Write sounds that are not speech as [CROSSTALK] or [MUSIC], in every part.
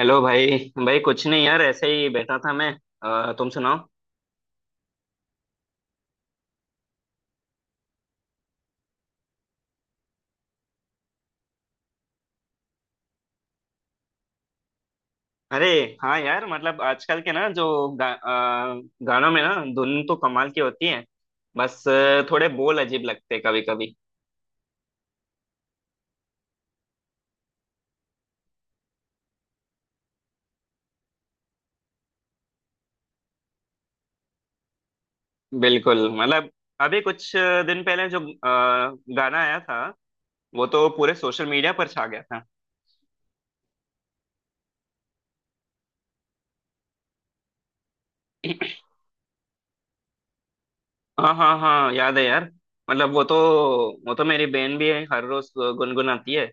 Hello भाई। भाई कुछ नहीं यार, ऐसे ही बैठा था मैं। तुम सुनाओ। अरे हाँ यार, मतलब आजकल के ना जो गा, अ, गानों में ना धुन तो कमाल की होती है। बस थोड़े बोल अजीब लगते कभी कभी। बिल्कुल मतलब अभी कुछ दिन पहले जो गाना आया था वो तो पूरे सोशल मीडिया पर छा गया था। हाँ हाँ हाँ याद है यार। मतलब वो तो मेरी बहन भी हर रोज गुनगुनाती है।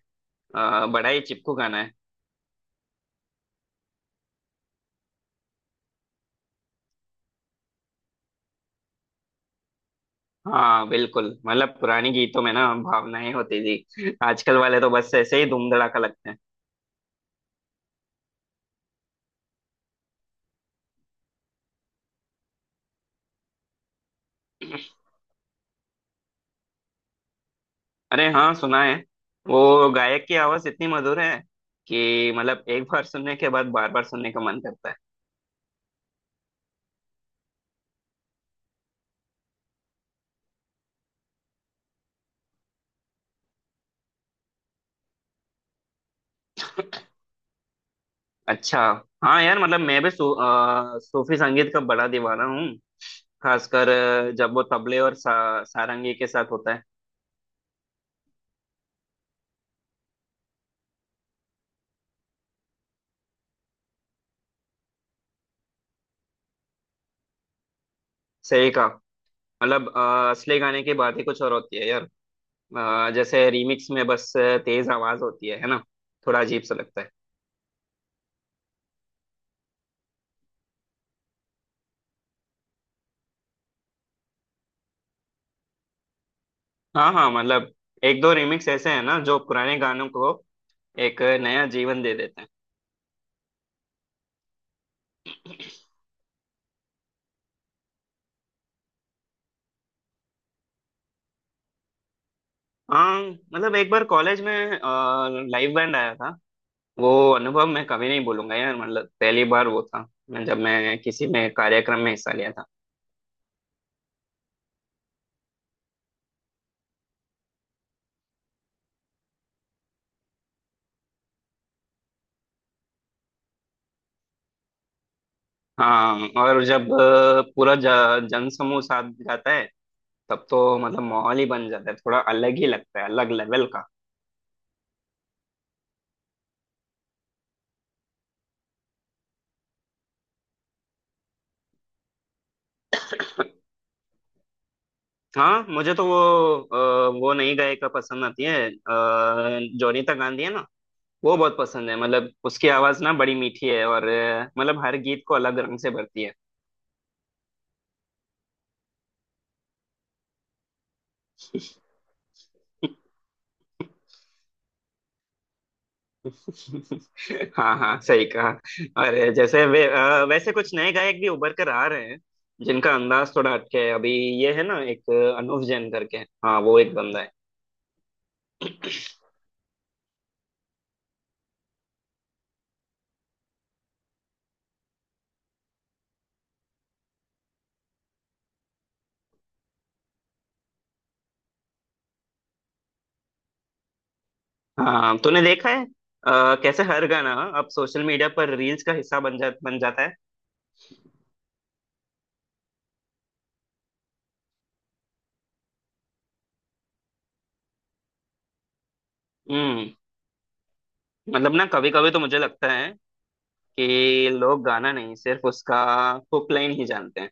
बड़ा ही चिपकू गाना है। हाँ बिल्कुल, मतलब पुरानी गीतों में ना भावनाएं होती थी, आजकल वाले तो बस ऐसे ही धूम धड़ाका लगते हैं। अरे हाँ सुना है। वो गायक की आवाज इतनी मधुर है कि मतलब एक बार सुनने के बाद बार बार सुनने का मन करता है। अच्छा हाँ यार, मतलब मैं भी सूफी संगीत का बड़ा दीवाना हूँ। खासकर जब वो तबले और सारंगी के साथ होता है। सही कहा, मतलब असली गाने की बात ही कुछ और होती है यार। जैसे रीमिक्स में बस तेज आवाज होती है ना। थोड़ा अजीब सा लगता है। हाँ हाँ मतलब एक दो रिमिक्स ऐसे हैं ना जो पुराने गानों को एक नया जीवन दे देते हैं। हाँ मतलब एक बार कॉलेज में लाइव बैंड आया था। वो अनुभव मैं कभी नहीं भूलूंगा यार, मतलब पहली बार वो था जब मैं किसी में कार्यक्रम में हिस्सा लिया था। हाँ और जब पूरा जनसमूह साथ जाता है तब तो मतलब माहौल ही बन जाता है, थोड़ा अलग ही लगता है, अलग लेवल का। हाँ मुझे तो वो वो नई गायिका पसंद आती है जोनीता गांधी है ना, वो बहुत पसंद है। मतलब उसकी आवाज ना बड़ी मीठी है और मतलब हर गीत को अलग रंग से भरती है। [LAUGHS] हाँ हाँ सही कहा। और जैसे वे वैसे कुछ नए गायक भी उभर कर आ रहे हैं जिनका अंदाज थोड़ा हटके है अभी। ये है ना एक अनूप जैन करके, हाँ वो एक बंदा है। हाँ तूने देखा है कैसे हर गाना अब सोशल मीडिया पर रील्स का हिस्सा बन जाता है। हम्म। मतलब ना कभी कभी तो मुझे लगता है कि लोग गाना नहीं, सिर्फ उसका हुक लाइन ही जानते हैं।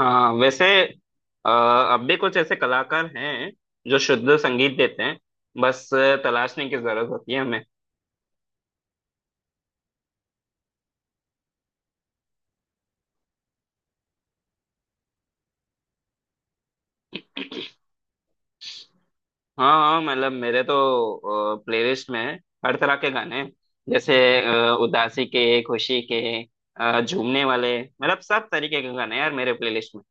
हाँ वैसे अ, अब भी कुछ ऐसे कलाकार हैं जो शुद्ध संगीत देते हैं। बस तलाशने की जरूरत होती है हमें। हाँ हाँ मतलब मेरे तो प्लेलिस्ट में हर तरह के गाने हैं। जैसे उदासी के, खुशी के, झूमने वाले, मतलब सब तरीके के गाने हैं यार मेरे प्लेलिस्ट में।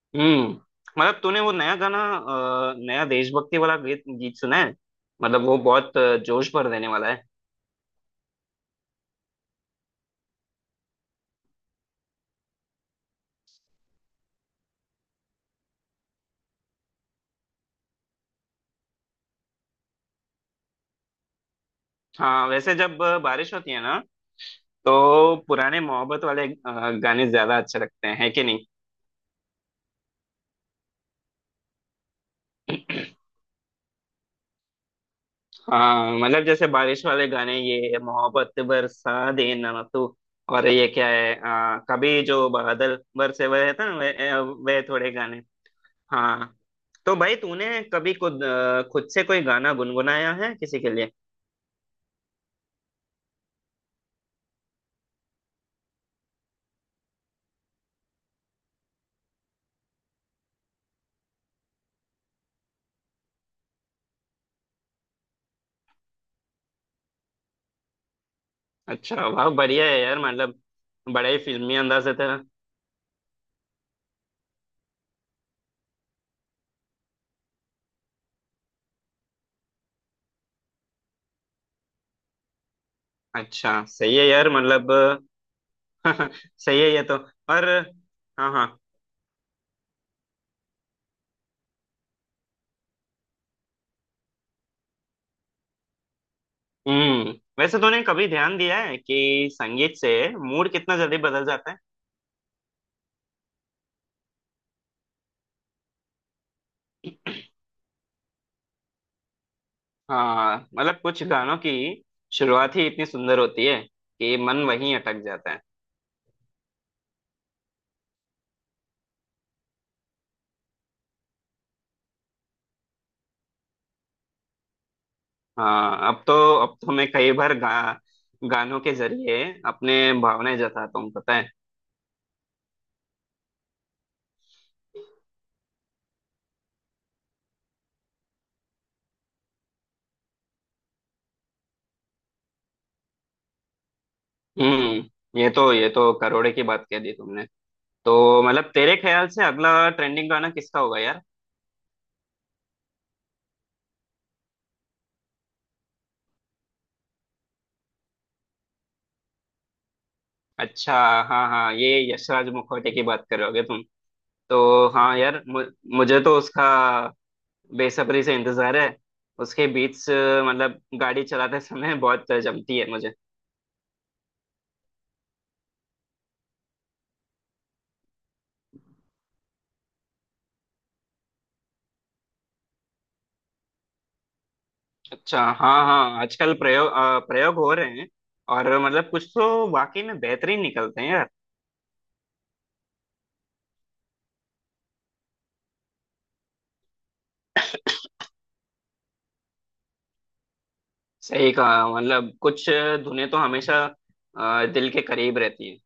हम्म। मतलब तूने वो नया गाना, नया देशभक्ति वाला गीत गीत सुना है, मतलब वो बहुत जोश भर देने वाला है। हाँ वैसे जब बारिश होती है ना तो पुराने मोहब्बत वाले गाने ज्यादा अच्छे लगते हैं, है कि नहीं। हाँ मतलब जैसे बारिश वाले गाने, ये मोहब्बत बरसा देना तू, और ये क्या है, कभी जो बादल बरसे हुए थे ना वे थोड़े गाने। हाँ तो भाई तूने कभी खुद खुद से कोई गाना गुनगुनाया है किसी के लिए। अच्छा वाह बढ़िया है यार, मतलब बड़ा ही फिल्मी अंदाज है तेरा। अच्छा सही है यार, मतलब [LAUGHS] सही है ये तो। और हाँ हाँ। हम्म, वैसे तूने कभी ध्यान दिया है कि संगीत से मूड कितना जल्दी बदल जाता है। हाँ मतलब कुछ गानों की शुरुआत ही इतनी सुंदर होती है कि मन वहीं अटक जाता है। हाँ अब तो मैं कई बार गानों के जरिए अपने भावनाएं जताता हूँ, पता है। हम्म, ये तो करोड़े की बात कह दी तुमने। तो मतलब तेरे ख्याल से अगला ट्रेंडिंग गाना किसका होगा यार। अच्छा हाँ हाँ ये यशराज मुखोटे की बात करोगे तुम। तो हाँ यार मुझे तो उसका बेसब्री से इंतजार है। उसके बीच मतलब गाड़ी चलाते [LAUGHS] समय बहुत जमती है मुझे। अच्छा हाँ हाँ आजकल प्रयोग हो रहे हैं और मतलब कुछ तो वाकई में बेहतरीन निकलते हैं यार। सही कहा, मतलब कुछ धुनें तो हमेशा दिल के करीब रहती है।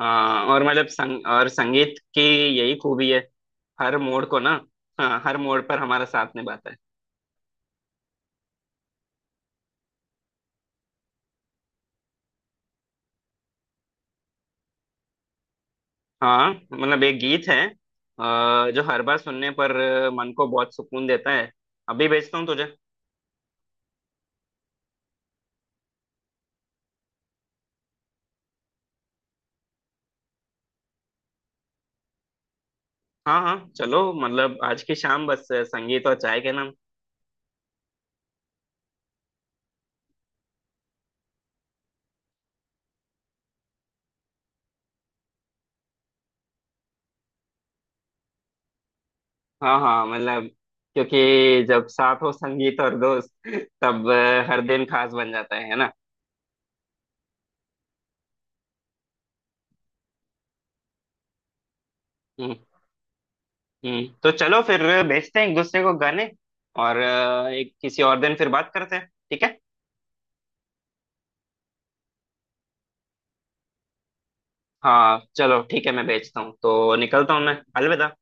हाँ और मतलब संगीत की यही खूबी है, हर मोड़ को ना, हाँ हर मोड़ पर हमारा साथ निभाता है। हाँ मतलब एक गीत है जो हर बार सुनने पर मन को बहुत सुकून देता है। अभी भेजता हूँ तुझे। हाँ हाँ चलो, मतलब आज की शाम बस संगीत और चाय के नाम। हाँ हाँ मतलब क्योंकि जब साथ हो संगीत और दोस्त तब हर दिन खास बन जाता है ना। हम्म। तो चलो फिर, भेजते हैं एक दूसरे को गाने और एक किसी और दिन फिर बात करते हैं ठीक है। हाँ चलो ठीक है, मैं भेजता हूँ तो निकलता हूँ मैं, अलविदा।